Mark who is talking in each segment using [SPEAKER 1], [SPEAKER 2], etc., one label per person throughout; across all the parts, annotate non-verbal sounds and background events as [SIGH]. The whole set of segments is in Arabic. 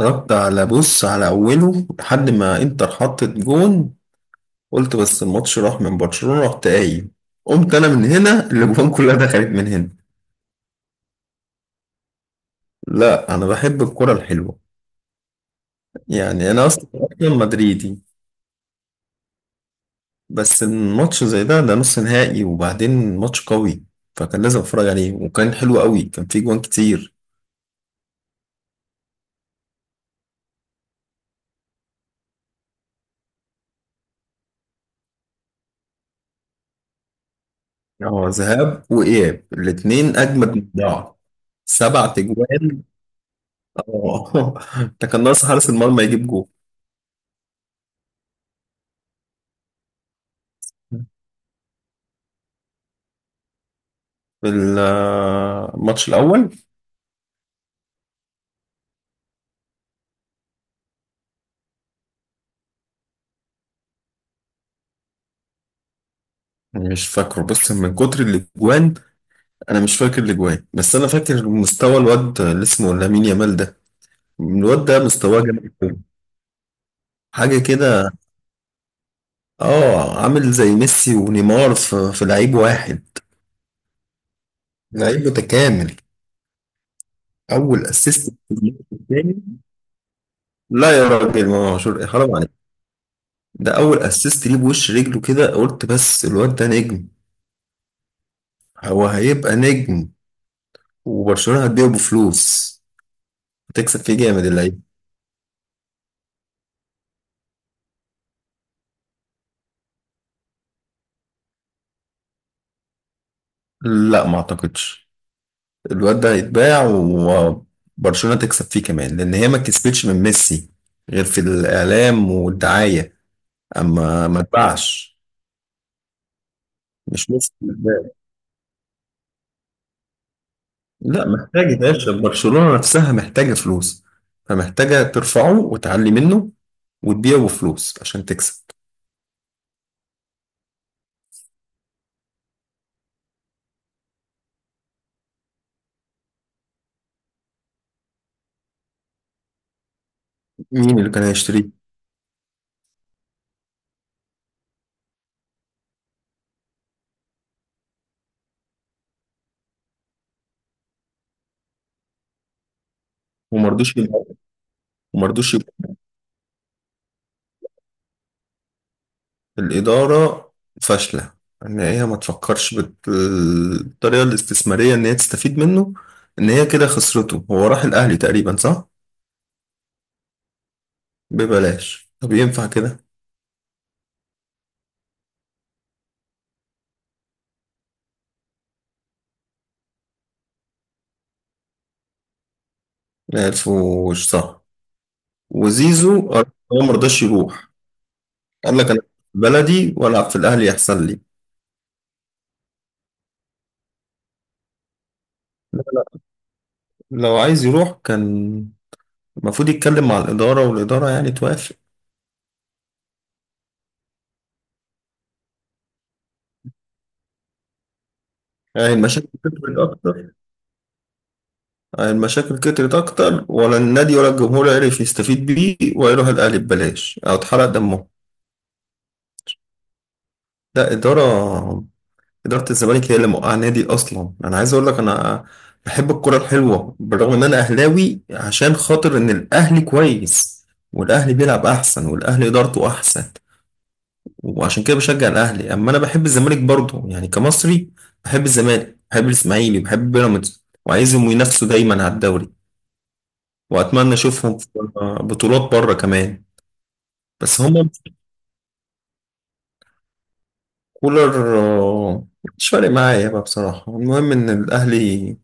[SPEAKER 1] اتفرجت على بص على أوله لحد ما إنتر حطت جون. قلت بس الماتش راح من برشلونة، رحت قايم. قمت أنا من هنا، الأجوان كلها دخلت من هنا. لا أنا بحب الكرة الحلوة. يعني أنا أصلاً مدريدي. بس الماتش زي ده نص نهائي، وبعدين ماتش قوي، فكان لازم أتفرج عليه. وكان حلو قوي، كان فيه جوان كتير. اه، ذهاب وإياب الاتنين أجمد من بعض. سبع تجوان. اه [LAUGHS] ده كان ناقص حارس المرمى يجيب جول. الماتش الأول مش فاكره بس من كتر الأجوان. أنا مش فاكر الأجوان، بس أنا فاكر مستوى الواد اللي اسمه لامين يامال ده. الواد ده مستواه جامد أوي. حاجة كده. اه، عامل زي ميسي ونيمار في لعيب واحد. لعيب متكامل. أول أسيست. التاني. لا يا راجل ما مشهور، حرام عليك. ده أول أسيست ليه بوش رجله كده، قلت بس الواد ده نجم. هو هيبقى نجم. وبرشلونة هتبيعه بفلوس، هتكسب فيه جامد اللعيب. لا ما اعتقدش. الواد ده هيتباع، وبرشلونة تكسب فيه كمان، لان هي ما كسبتش من ميسي غير في الاعلام والدعاية، اما ما اتباعش. مش ميسي اللي اتباع. لا محتاج يا باشا، برشلونة نفسها محتاجة فلوس، فمحتاجة ترفعه وتعلي منه وتبيعه بفلوس عشان تكسب. مين اللي كان هيشتريه؟ وما رضوش يبيعوه. وما رضوش. الإدارة فاشلة، إن هي ما تفكرش بالطريقة الاستثمارية إن هي تستفيد منه. إن هي كده خسرته، هو راح الأهلي تقريبا صح؟ ببلاش، طب ينفع كده؟ ما عرفوش صح. وزيزو هو مرضاش يروح. قال لك أنا في بلدي وألعب في الأهلي أحسن لي. لو عايز يروح كان المفروض يتكلم مع الإدارة، والإدارة يعني توافق. يعني المشاكل كترت أكتر؟ المشاكل كترت أكتر ولا النادي ولا الجمهور عرف يستفيد بيه، ويروح الأهلي ببلاش أو اتحرق دمه. ده إدارة، إدارة الزمالك هي اللي موقعة النادي أصلا. أنا عايز أقول لك أنا بحب الكرة الحلوة، بالرغم إن أنا أهلاوي، عشان خاطر إن الأهلي كويس، والأهلي بيلعب أحسن، والأهلي إدارته أحسن، وعشان كده بشجع الأهلي. أما أنا بحب الزمالك برضه يعني كمصري، بحب الزمالك، بحب الإسماعيلي، بحب بيراميدز، وعايزهم ينافسوا دايما على الدوري، وأتمنى أشوفهم في بطولات بره كمان. بس هما. كولر. آه، مش فارق معايا بقى بصراحة. المهم إن الأهلي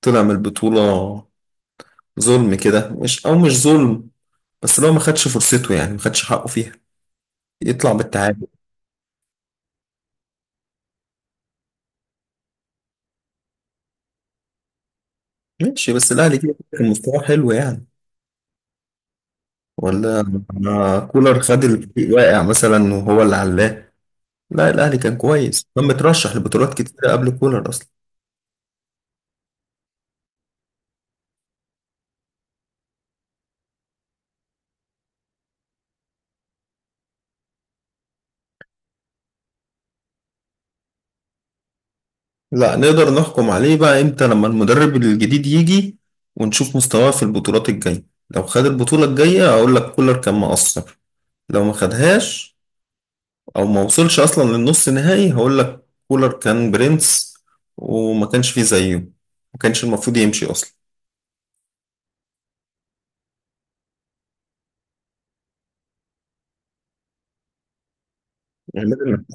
[SPEAKER 1] طلع من البطولة ظلم كده، مش أو مش ظلم، بس لو ما خدش فرصته يعني ما خدش حقه فيها، يطلع بالتعادل. ماشي، بس الأهلي كده كان مستواه حلو يعني. ولا. آه، كولر خد الفريق واقع مثلا وهو اللي علاه؟ لا، الأهلي كان كويس، كان مترشح لبطولات كتيرة قبل كولر أصلا. لا نقدر نحكم عليه بقى امتى؟ لما المدرب الجديد يجي ونشوف مستواه في البطولات الجاية. لو خد البطولة الجاية هقول لك كولر كان مقصر. لو ما خدهاش او ما وصلش اصلا للنص نهائي هقول لك كولر كان برنس وما كانش فيه زيه، ما كانش المفروض يمشي اصلا. يعمل لنا.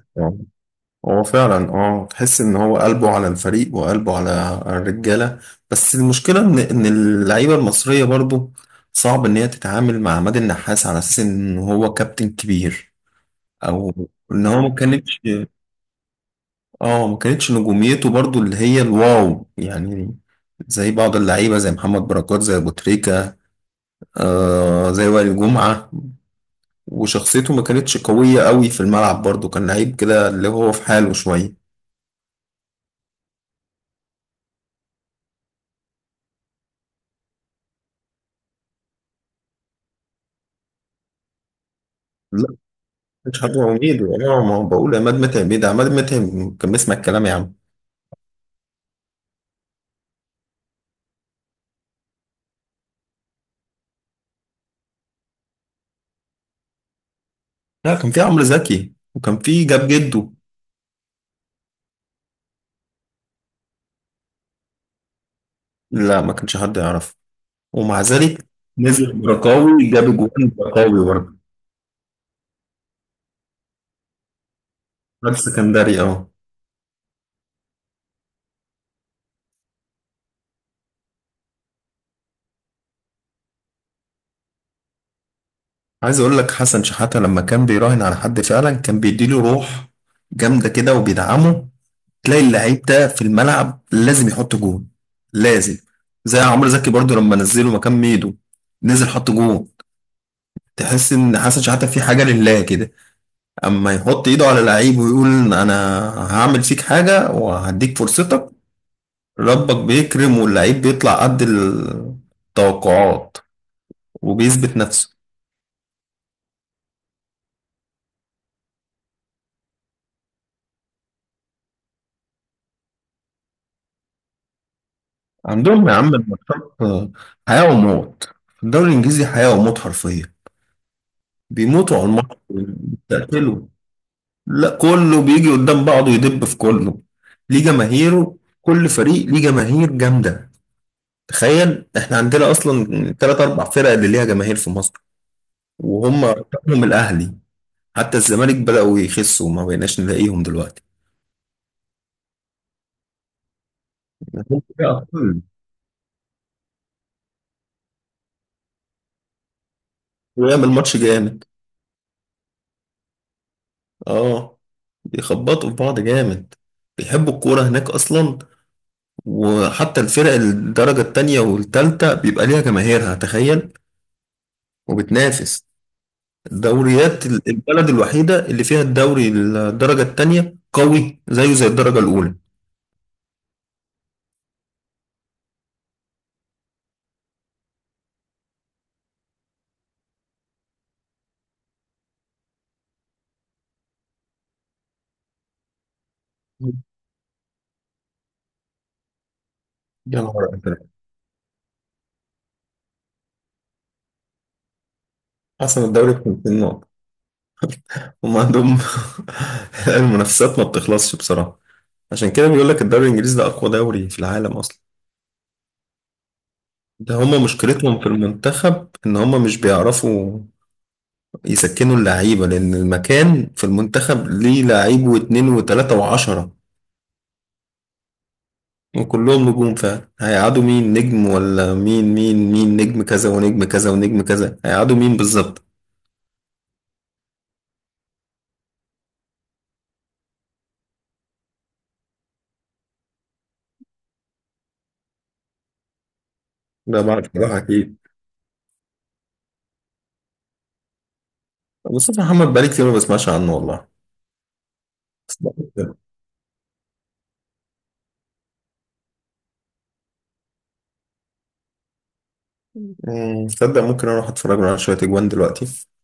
[SPEAKER 1] هو فعلا اه تحس ان هو قلبه على الفريق وقلبه على الرجاله. بس المشكله ان اللعيبه المصريه برضو صعب ان هي تتعامل مع عماد النحاس على اساس ان هو كابتن كبير. او ان هو ما كانتش. اه، ما كانتش نجوميته برضو اللي هي الواو يعني، زي بعض اللعيبه، زي محمد بركات، زي ابو تريكه، آه زي وائل جمعه. وشخصيته ما كانتش قويه قوي في الملعب برضو، كان لعيب كده اللي هو في حاله شويه. مش عمرو عبيد؟ اه، ما هو بقول عماد متعب، ايه ده؟ عماد متعب كان بيسمع الكلام يا عم. لا كان في عمرو زكي وكان في جاب جده. لا ما كانش حد يعرف. ومع ذلك. نزل برقاوي، جاب جوان برقاوي برضه. راجل سكندري اه. عايز اقول لك حسن شحاتة لما كان بيراهن على حد فعلا كان بيديله روح جامده كده وبيدعمه. تلاقي اللعيب ده في الملعب لازم يحط جون. لازم. زي عمرو زكي برضه لما نزله مكان ميدو، نزل حط جون. تحس ان حسن شحاتة في حاجه لله كده، اما يحط ايده على لعيب ويقول انا هعمل فيك حاجة وهديك فرصتك. ربك بيكرم واللعيب بيطلع قد التوقعات وبيثبت نفسه. عندهم يا عم الماتشات حياة وموت. في الدوري الانجليزي حياة وموت حرفيا. بيموتوا على الماتش، بيتقتلوا. لا كله بيجي قدام بعضه يدب في كله. ليه جماهيره، كل فريق ليه جماهير جامدة. تخيل احنا عندنا اصلا تلات اربع فرق اللي ليها جماهير في مصر، وهم رقمهم الاهلي. حتى الزمالك بدأوا يخسوا، ما بقيناش نلاقيهم دلوقتي. [LAUGHS] ويعمل ماتش جامد. اه، بيخبطوا في بعض جامد. بيحبوا الكورة هناك أصلا. وحتى الفرق الدرجة التانية والتالتة بيبقى ليها جماهيرها، تخيل، وبتنافس. البلد الوحيدة اللي فيها الدوري الدرجة التانية قوي زيه زي الدرجة الأولى. يا نهار أبيض. حسن الدوري ب 50 نقطة. هم عندهم [LAUGHS] المنافسات ما بتخلصش بصراحة. عشان كده بيقول لك الدوري الانجليزي ده اقوى دوري في العالم اصلا. ده هما مشكلتهم في المنتخب ان هما مش بيعرفوا يسكنوا اللعيبه، لان المكان في المنتخب ليه لعيب واتنين وتلاته وعشره، وكلهم نجوم فعلا. هيقعدوا مين نجم ولا مين؟ مين نجم كذا ونجم كذا ونجم كذا، هيقعدوا مين بالظبط؟ ده بعد بصراحه اكيد. مصطفى محمد بقالي كتير ما بسمعش عنه والله. تصدق. مم، تصدق ممكن اروح اتفرج له على شويه اجوان دلوقتي.